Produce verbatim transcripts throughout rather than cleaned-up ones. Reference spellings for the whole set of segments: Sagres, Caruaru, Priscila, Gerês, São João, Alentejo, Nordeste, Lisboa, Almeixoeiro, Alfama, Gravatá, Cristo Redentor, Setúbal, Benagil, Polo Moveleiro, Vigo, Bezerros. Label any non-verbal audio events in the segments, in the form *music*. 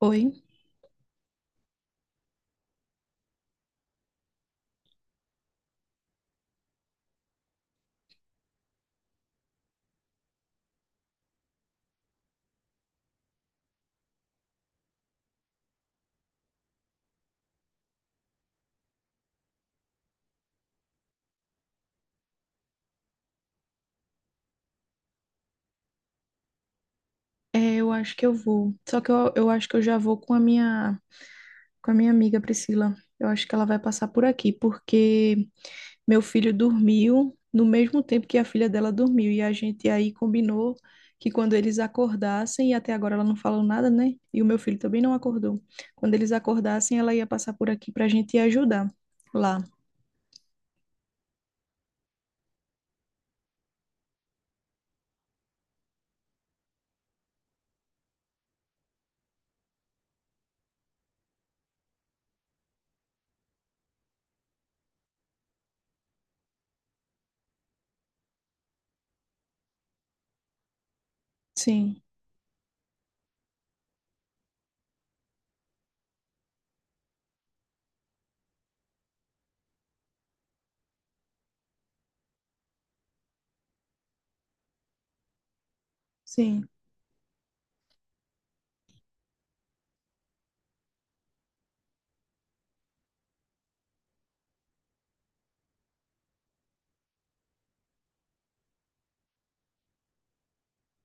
Oi, é, eu acho que eu vou. Só que eu, eu acho que eu já vou com a minha com a minha amiga Priscila. Eu acho que ela vai passar por aqui, porque meu filho dormiu no mesmo tempo que a filha dela dormiu e a gente aí combinou que quando eles acordassem, e até agora ela não falou nada, né? E o meu filho também não acordou. Quando eles acordassem, ela ia passar por aqui pra gente ir ajudar lá. Sim, sim.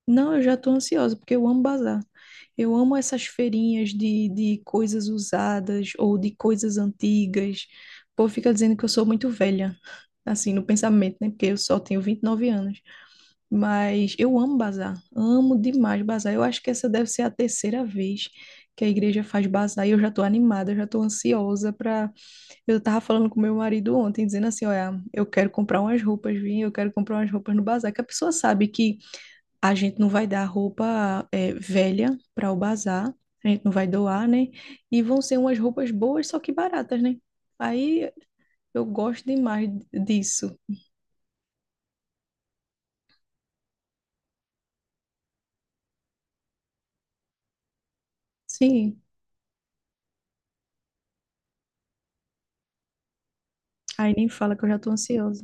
Não, eu já estou ansiosa, porque eu amo bazar. Eu amo essas feirinhas de, de coisas usadas ou de coisas antigas. O povo fica dizendo que eu sou muito velha, assim, no pensamento, né? Porque eu só tenho vinte e nove anos. Mas eu amo bazar, amo demais bazar. Eu acho que essa deve ser a terceira vez que a igreja faz bazar e eu já estou animada, eu já estou ansiosa para... Eu estava falando com meu marido ontem, dizendo assim, olha, eu quero comprar umas roupas, vim, eu quero comprar umas roupas no bazar, que a pessoa sabe que a gente não vai dar roupa é, velha para o bazar, a gente não vai doar, né? E vão ser umas roupas boas, só que baratas, né? Aí eu gosto demais disso. Sim, aí nem fala que eu já tô ansiosa.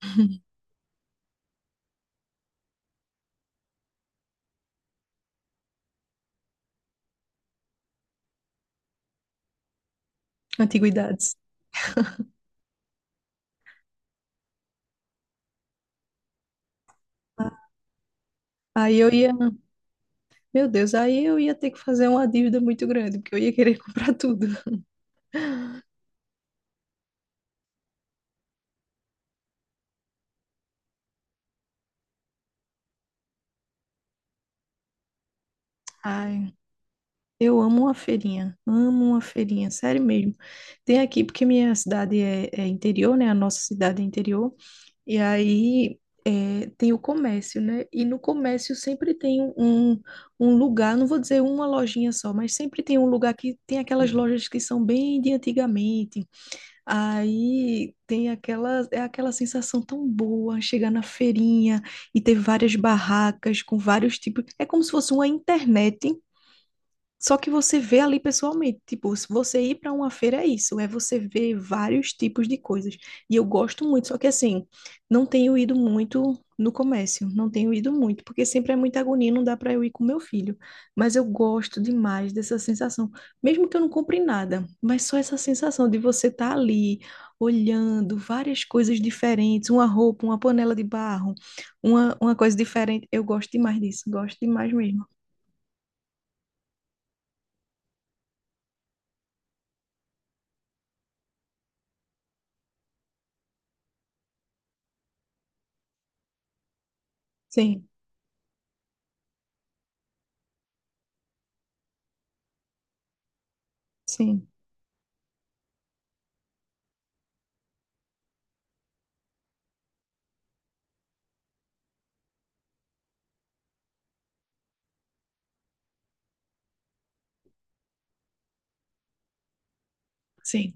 *laughs* Antiguidades. Aí eu ia, meu Deus, aí eu ia ter que fazer uma dívida muito grande, porque eu ia querer *laughs* comprar tudo. Ai, eu amo uma feirinha, amo uma feirinha, sério mesmo. Tem aqui, porque minha cidade é, é interior, né? A nossa cidade é interior. E aí é, tem o comércio, né? E no comércio sempre tem um, um um lugar, não vou dizer uma lojinha só, mas sempre tem um lugar que tem aquelas lojas que são bem de antigamente. Aí tem aquela, é aquela sensação tão boa chegar na feirinha e ter várias barracas com vários tipos. É como se fosse uma internet, só que você vê ali pessoalmente, tipo, se você ir para uma feira é isso, é você ver vários tipos de coisas. E eu gosto muito, só que assim, não tenho ido muito no comércio, não tenho ido muito, porque sempre é muita agonia, não dá para eu ir com meu filho. Mas eu gosto demais dessa sensação, mesmo que eu não compre nada, mas só essa sensação de você estar ali olhando várias coisas diferentes, uma roupa, uma panela de barro, uma, uma coisa diferente. Eu gosto demais disso, gosto demais mesmo. Sim, sim, sim.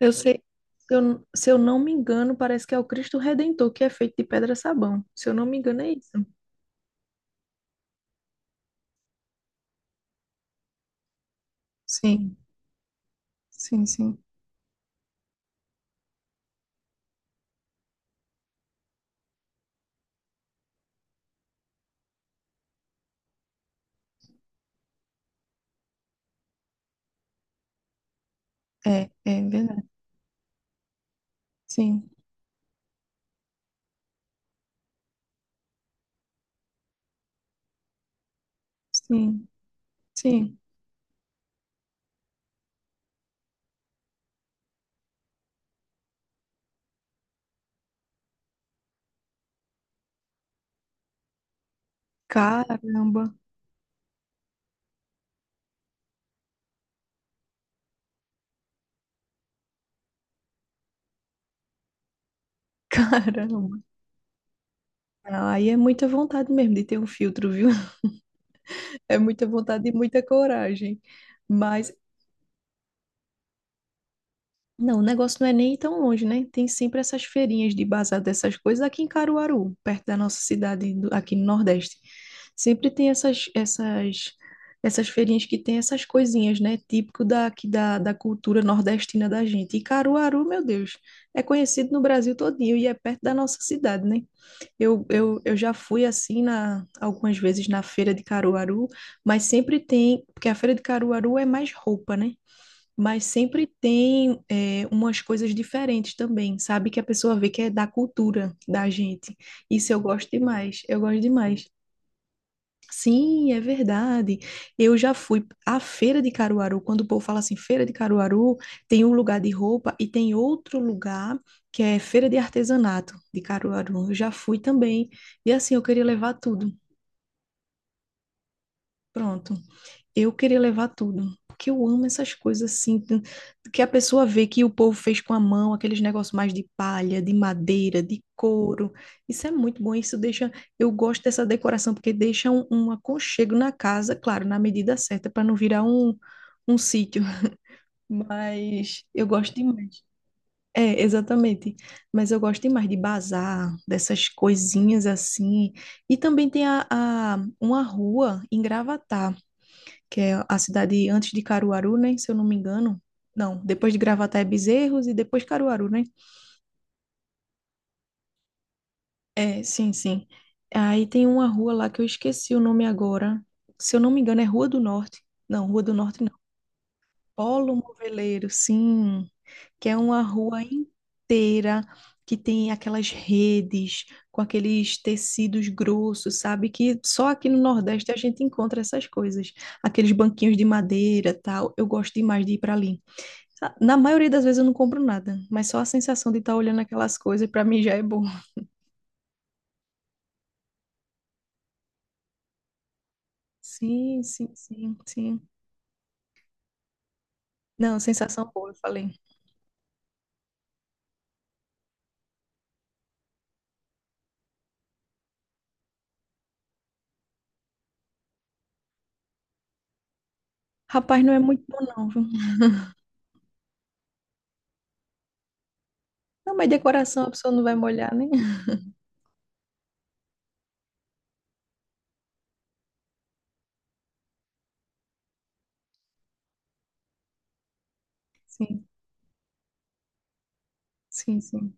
Eu sei, se eu, se eu não me engano, parece que é o Cristo Redentor, que é feito de pedra sabão. Se eu não me engano, é isso. Sim, sim, sim. É, é verdade. Sim, sim, sim. Caramba, *laughs* caramba. Ah, aí é muita vontade mesmo de ter um filtro, viu? *laughs* É muita vontade e muita coragem. Mas não, o negócio não é nem tão longe, né? Tem sempre essas feirinhas de bazar dessas coisas aqui em Caruaru, perto da nossa cidade, do- aqui no Nordeste. Sempre tem essas, essas, essas feirinhas que tem essas coisinhas, né? Típico daqui da, da cultura nordestina da gente. E Caruaru, meu Deus, é conhecido no Brasil todinho e é perto da nossa cidade, né? Eu, eu, eu já fui assim na, algumas vezes na feira de Caruaru, mas sempre tem, porque a feira de Caruaru é mais roupa, né? Mas sempre tem é, umas coisas diferentes também, sabe? Que a pessoa vê que é da cultura da gente. Isso eu gosto demais, eu gosto demais. Sim, é verdade. Eu já fui à feira de Caruaru. Quando o povo fala assim, feira de Caruaru, tem um lugar de roupa e tem outro lugar que é feira de artesanato de Caruaru. Eu já fui também. E assim, eu queria levar tudo. Pronto, eu queria levar tudo. Porque eu amo essas coisas assim, t- que a pessoa vê que o povo fez com a mão, aqueles negócios mais de palha, de madeira, de couro. Isso é muito bom. Isso deixa. Eu gosto dessa decoração, porque deixa um, um aconchego na casa, claro, na medida certa, para não virar um, um sítio. Mas eu gosto demais. É, exatamente. Mas eu gosto demais de bazar, dessas coisinhas assim. E também tem a, a- uma rua em Gravatá que é a cidade antes de Caruaru, né? Se eu não me engano. Não, depois de Gravatá é Bezerros e depois Caruaru, né? É, sim, sim. Aí tem uma rua lá que eu esqueci o nome agora. Se eu não me engano, é Rua do Norte. Não, Rua do Norte não. Polo Moveleiro, sim. Que é uma rua inteira que tem aquelas redes com aqueles tecidos grossos, sabe? Que só aqui no Nordeste a gente encontra essas coisas. Aqueles banquinhos de madeira, tal. Eu gosto demais de ir para ali. Sa- Na maioria das vezes eu não compro nada, mas só a sensação de estar olhando aquelas coisas pra mim já é boa. Sim, sim, sim, sim. Não, sensação boa, eu falei. Rapaz, não é muito bom não, viu? Não, mas decoração a pessoa não vai molhar, né? Sim, sim, sim.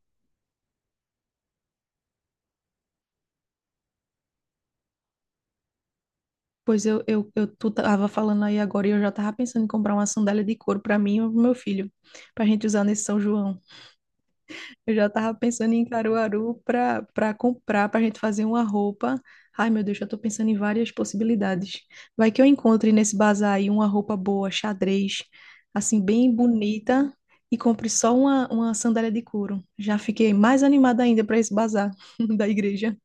Pois eu, eu, eu tu tava falando aí agora e eu já tava pensando em comprar uma sandália de couro pra mim e pro meu filho, pra gente usar nesse São João. Eu já tava pensando em Caruaru para para comprar, para a gente fazer uma roupa. Ai, meu Deus, já tô pensando em várias possibilidades. Vai que eu encontre nesse bazar aí uma roupa boa, xadrez, assim, bem bonita, e compre só uma, uma sandália de couro. Já fiquei mais animada ainda para esse bazar *laughs* da igreja.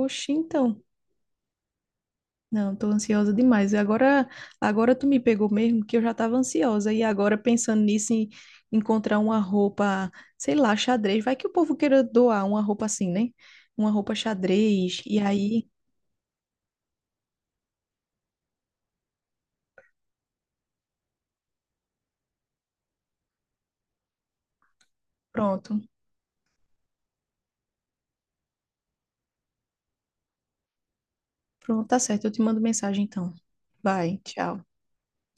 Oxi, então. Não, tô ansiosa demais. Agora, agora tu me pegou mesmo, que eu já tava ansiosa. E agora, pensando nisso, em encontrar uma roupa, sei lá, xadrez. Vai que o povo queira doar uma roupa assim, né? Uma roupa xadrez. E aí, pronto. Pronto, tá certo. Eu te mando mensagem então. Vai, tchau.